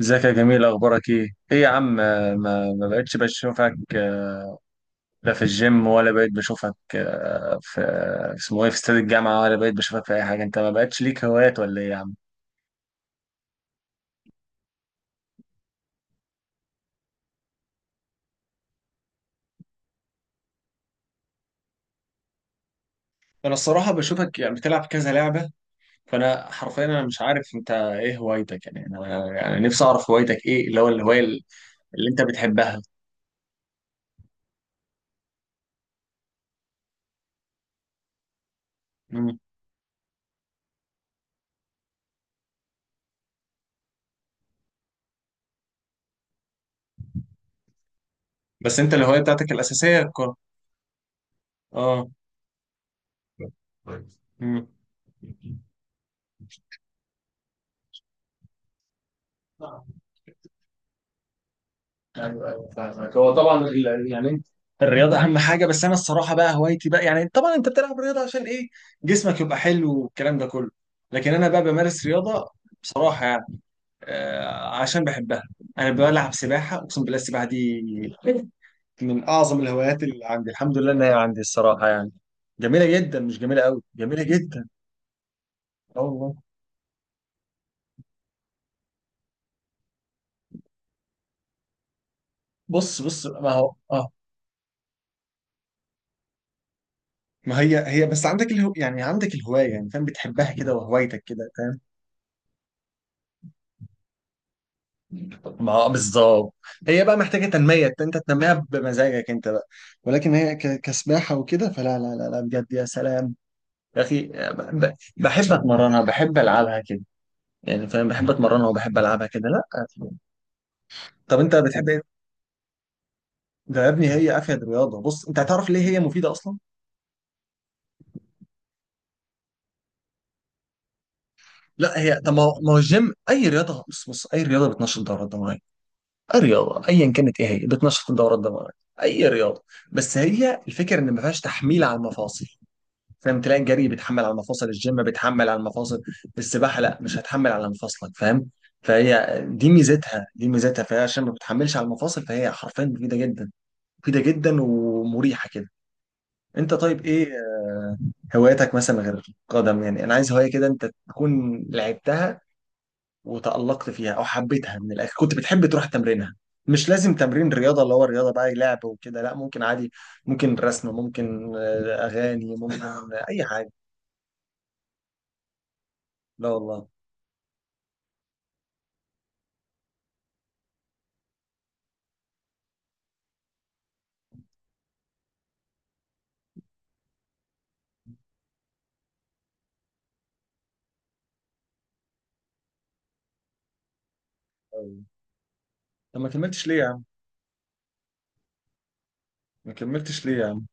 ازيك يا جميل؟ اخبارك ايه؟ ايه يا عم؟ ما بقتش بشوفك، لا في الجيم، ولا بقيت بشوفك، في اسمه ايه، في استاد الجامعه، ولا بقيت بشوفك في اي حاجه. انت ما بقتش ليك هوايات ولا ايه يا عم؟ انا الصراحه بشوفك بتلعب كذا لعبه، فانا حرفيا مش عارف انت ايه هوايتك. يعني انا يعني نفسي اعرف هوايتك ايه، اللي هو الهوايه اللي انت بتحبها. مم. بس انت الهوايه بتاعتك الاساسيه الكوره؟ اه. مم. ايوه ايوه فاهمك. هو طبعا انت الرياضه اهم حاجه، بس انا الصراحه بقى هوايتي بقى، طبعا انت بتلعب رياضه عشان ايه؟ جسمك يبقى حلو والكلام ده كله، لكن انا بقى بمارس رياضه بصراحه آه عشان بحبها. انا بلعب سباحه، اقسم بالله السباحه دي من اعظم الهوايات اللي عندي، الحمد لله انها عندي الصراحه يعني. جميله جدا، مش جميله قوي، جميله جدا. اه والله. بص بص، ما هو اه ما هي، هي بس عندك يعني عندك الهوايه، يعني فاهم بتحبها كده وهوايتك كده، فاهم. ما هو بالظبط. هي بقى محتاجه تنميه، انت تنميها بمزاجك انت بقى، ولكن هي كسباحه وكده فلا لا لا لا، بجد يا سلام يا اخي. بحب اتمرنها، بحب العبها كده، يعني فاهم. بحب اتمرنها وبحب العبها كده، لا. طب انت بتحب ايه ده يا ابني؟ هي افيد رياضه. بص، انت هتعرف ليه هي مفيده اصلا. لا هي طب، ما هو الجيم، اي رياضه، بص بص، اي رياضه بتنشط الدوره الدمويه، اي رياضه ايا كانت، ايه هي بتنشط الدوره الدمويه، اي رياضه. بس هي الفكره ان ما فيهاش تحميل على المفاصل، فاهم. تلاقي الجري بيتحمل على مفاصل، الجيم بيتحمل على المفاصل، السباحه لا، مش هتحمل على مفاصلك، فاهم. فهي دي ميزتها، دي ميزتها، فهي عشان ما بتحملش على المفاصل، فهي حرفيا مفيده جدا، مفيده جدا ومريحه كده. انت طيب ايه هواياتك مثلا غير القدم؟ يعني انا عايز هوايه كده انت تكون لعبتها وتألقت فيها، او حبيتها من الاخر كنت بتحب تروح تمرينها. مش لازم تمرين رياضه، اللي هو الرياضه بقى لعب وكده، لا، ممكن عادي. ممكن رسم، ممكن اغاني، ممكن اي حاجه. لا والله. طب ما كملتش ليه يا عم؟ ما كملتش ليه يا عم؟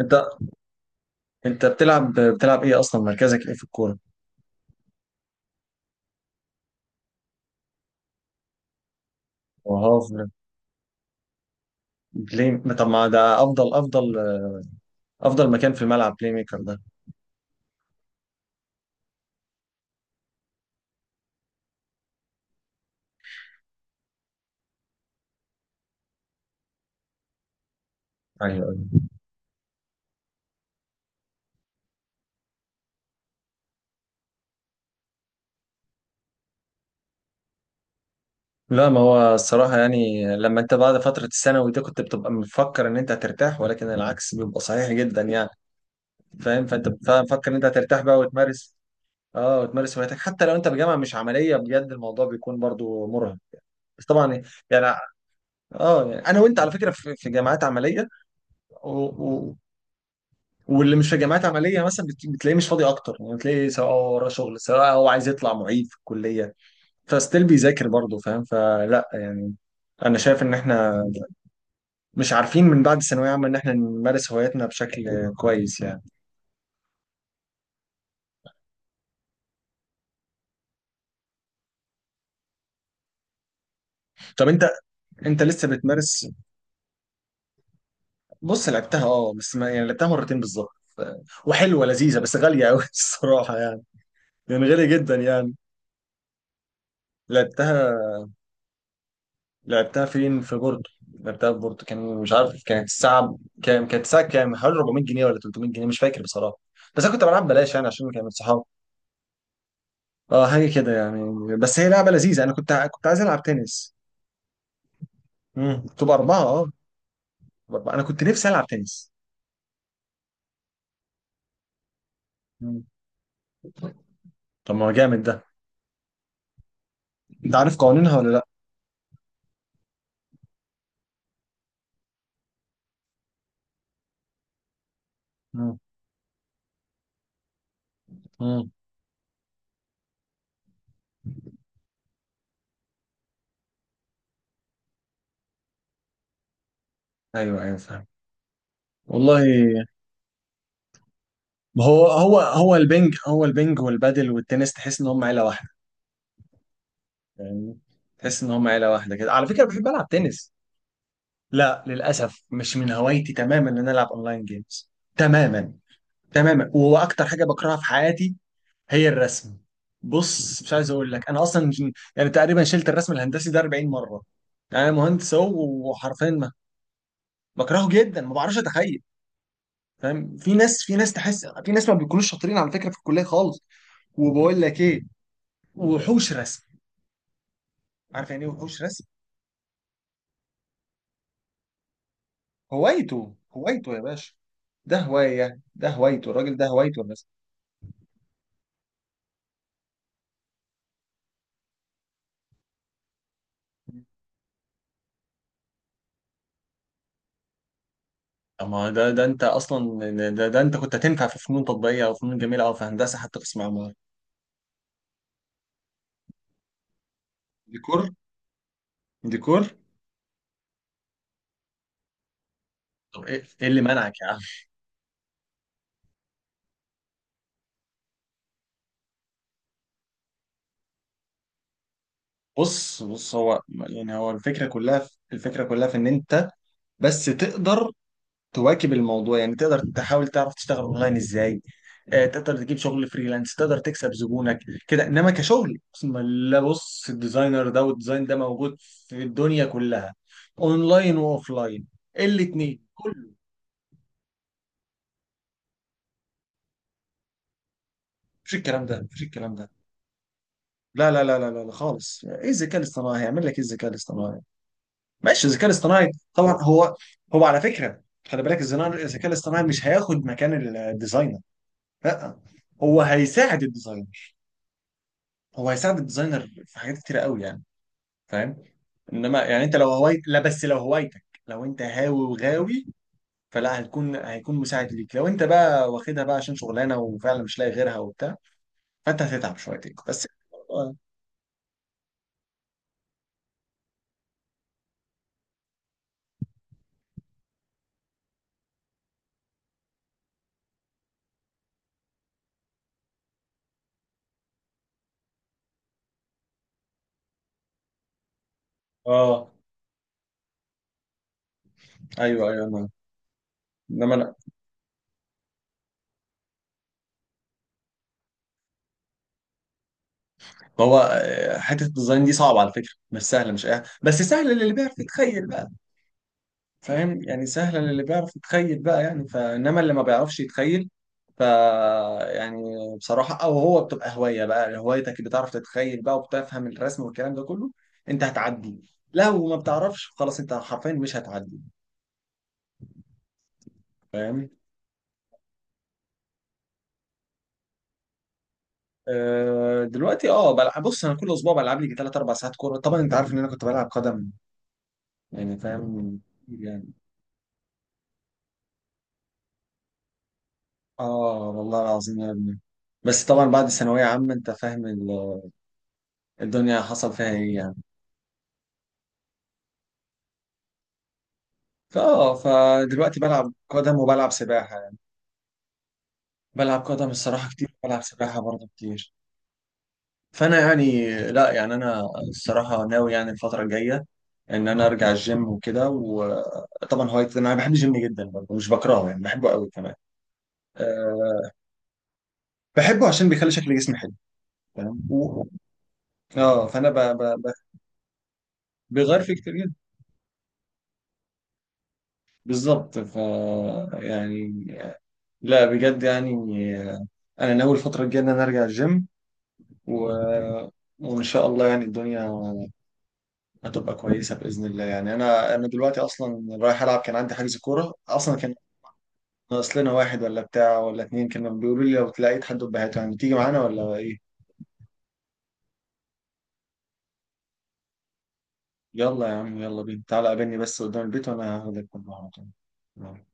انت انت بتلعب، بتلعب ايه، اصلا مركزك ايه في الكوره؟ وهاف؟ بلاي ما- طب ما ده افضل، افضل مكان في الملعب بلاي ميكر ده. ايوه ايوه. لا ما هو الصراحه يعني، لما انت بعد فتره الثانوي دي كنت بتبقى مفكر ان انت هترتاح، ولكن العكس بيبقى صحيح جدا يعني، فاهم. فانت بتبقى مفكر ان انت هترتاح بقى وتمارس. اه وتمارس هواياتك حتى لو انت بجامعه مش عمليه، بجد الموضوع بيكون برضو مرهق. بس طبعا يعني. اه يعني انا وانت على فكره في في جامعات عمليه، و- و- واللي مش في جامعات عمليه مثلا بتلاقيه مش فاضي اكتر، يعني بتلاقيه سواء هو وراه شغل، سواء هو عايز يطلع معيد في الكليه، فستيل بيذاكر برضه، فاهم، فلا يعني. انا شايف ان احنا مش عارفين من بعد الثانويه عامه ان احنا نمارس هواياتنا بشكل كويس يعني. طب انت انت لسه بتمارس؟ بص لعبتها اه، بس ما يعني لعبتها مرتين بالظبط، ف- وحلوه لذيذه بس غاليه قوي الصراحه يعني، يعني غاليه جدا يعني. لعبتها، لعبتها فين؟ في بورتو. لعبتها في بورتو، كان مش عارف كانت الساعة كام، كانت الساعة كام، حوالي 400 جنيه ولا 300 جنيه مش فاكر بصراحة، بس انا كنت بلعب بلاش يعني عشان كانت صحابي. اه حاجة كده يعني، بس هي لعبة لذيذة. انا كنت كنت عايز العب تنس. تبقى أربعة اه. بأربعة. انا كنت نفسي العب تنس. مم. طب ما هو جامد ده. انت عارف قوانينها ولا لا؟ مم. مم. ايوه ايوه فاهم. والله. ما هو هو البنج، هو البنج والبادل والتنس، تحس ان هم عيلة واحدة يعني، تحس ان هم عيلة واحدة كده، على فكرة بحب العب تنس. لا للأسف مش من هوايتي تماما إن أنا ألعب أونلاين جيمز، تماما، تماما، وأكتر حاجة بكرهها في حياتي هي الرسم. بص مش عايز أقول لك، أنا أصلا تقريبا شلت الرسم الهندسي ده 40 مرة، يعني أنا مهندس أهو، وحرفيا ما بكرهه جدا، ما بعرفش أتخيل، فاهم. في ناس، تحس في ناس ما بيكونوش شاطرين على فكرة في الكلية خالص، وبقول لك إيه، وحوش رسم. عارف يعني إيه وحوش رسم؟ هوايته، هوايته يا باشا، ده هواية، ده هوايته، الراجل ده هوايته الرسم. اما ده، ده انت كنت هتنفع في فنون تطبيقيه، او فنون جميله، او في هندسه، حتى قسم عمارة. ديكور، ديكور. طب ايه، إيه اللي منعك يا عم؟ بص بص، هو الفكره كلها، الفكره كلها في ان انت بس تقدر تواكب الموضوع، يعني تقدر تحاول تعرف تشتغل اونلاين ازاي، تقدر تجيب شغل فريلانس، تقدر تكسب زبونك كده. انما كشغل بسم الله، بص الديزاينر ده والديزاين ده موجود في الدنيا كلها، اونلاين واوفلاين، الاتنين. مفيش الكلام ده. لا لا لا لا لا لا خالص، ايه الذكاء الاصطناعي هيعمل لك، ايه الذكاء الاصطناعي. ماشي الذكاء الاصطناعي طبعا هو، هو على فكره خلي بالك، الذكاء الاصطناعي مش هياخد مكان الديزاينر، لا هو هيساعد الديزاينر، هو هيساعد الديزاينر في حاجات كتيره قوي يعني، فاهم. انما يعني انت لو هوايت لا بس لو هوايتك، لو انت هاوي وغاوي، فلا هيكون، هيكون مساعد ليك. لو انت بقى واخدها بقى عشان شغلانه وفعلا مش لاقي غيرها وبتاع، فانت هتتعب شويتين بس. اه. آه. ايوه ايوه. انما لا ما هو، حته الديزاين دي صعبه على فكره، مش سهله، مش اي بس سهله للي بيعرف يتخيل بقى، فاهم، يعني سهله للي بيعرف يتخيل بقى، يعني فانما اللي ما بيعرفش يتخيل ف يعني بصراحه، او هو بتبقى هوايه بقى، هوايتك اللي بتعرف تتخيل بقى وبتفهم الرسم والكلام ده كله، انت هتعدي. لو ما بتعرفش خلاص، انت حرفيا مش هتعدي، فاهم. أه دلوقتي اه بلعب، بص انا كل اسبوع بلعب لي 3 4 ساعات كوره، طبعا انت عارف ان انا كنت بلعب قدم، يعني فاهم، كتير يعني. اه والله العظيم يا ابني، بس طبعا بعد ثانوية عامة انت فاهم الدنيا حصل فيها ايه يعني. فدلوقتي بلعب قدم وبلعب سباحة يعني، بلعب قدم الصراحة كتير، وبلعب سباحة برضه كتير، فانا يعني، لا يعني انا الصراحة ناوي يعني الفترة الجاية ان انا ارجع الجيم وكده، وطبعا هوايتي انا بحب الجيم جدا برضه، مش بكرهه يعني، بحبه قوي كمان. آه، بحبه عشان بيخلي شكل جسمي حلو، فاهم اه فانا بيغير فيه كتير جدا، بالظبط ف يعني لا بجد يعني انا ناوي الفتره الجايه ان انا ارجع الجيم و... وان شاء الله يعني الدنيا هتبقى كويسه باذن الله يعني. انا دلوقتي اصلا رايح العب، كان عندي حجز كوره اصلا، كان ناقص لنا واحد ولا بتاع ولا اتنين، كانوا بيقولوا لي لو تلاقيت حد بهاته يعني تيجي معانا ولا ايه. يلا يا عم، يلا بينا، تعالى قابلني بس قدام البيت وانا هاخدك معانا.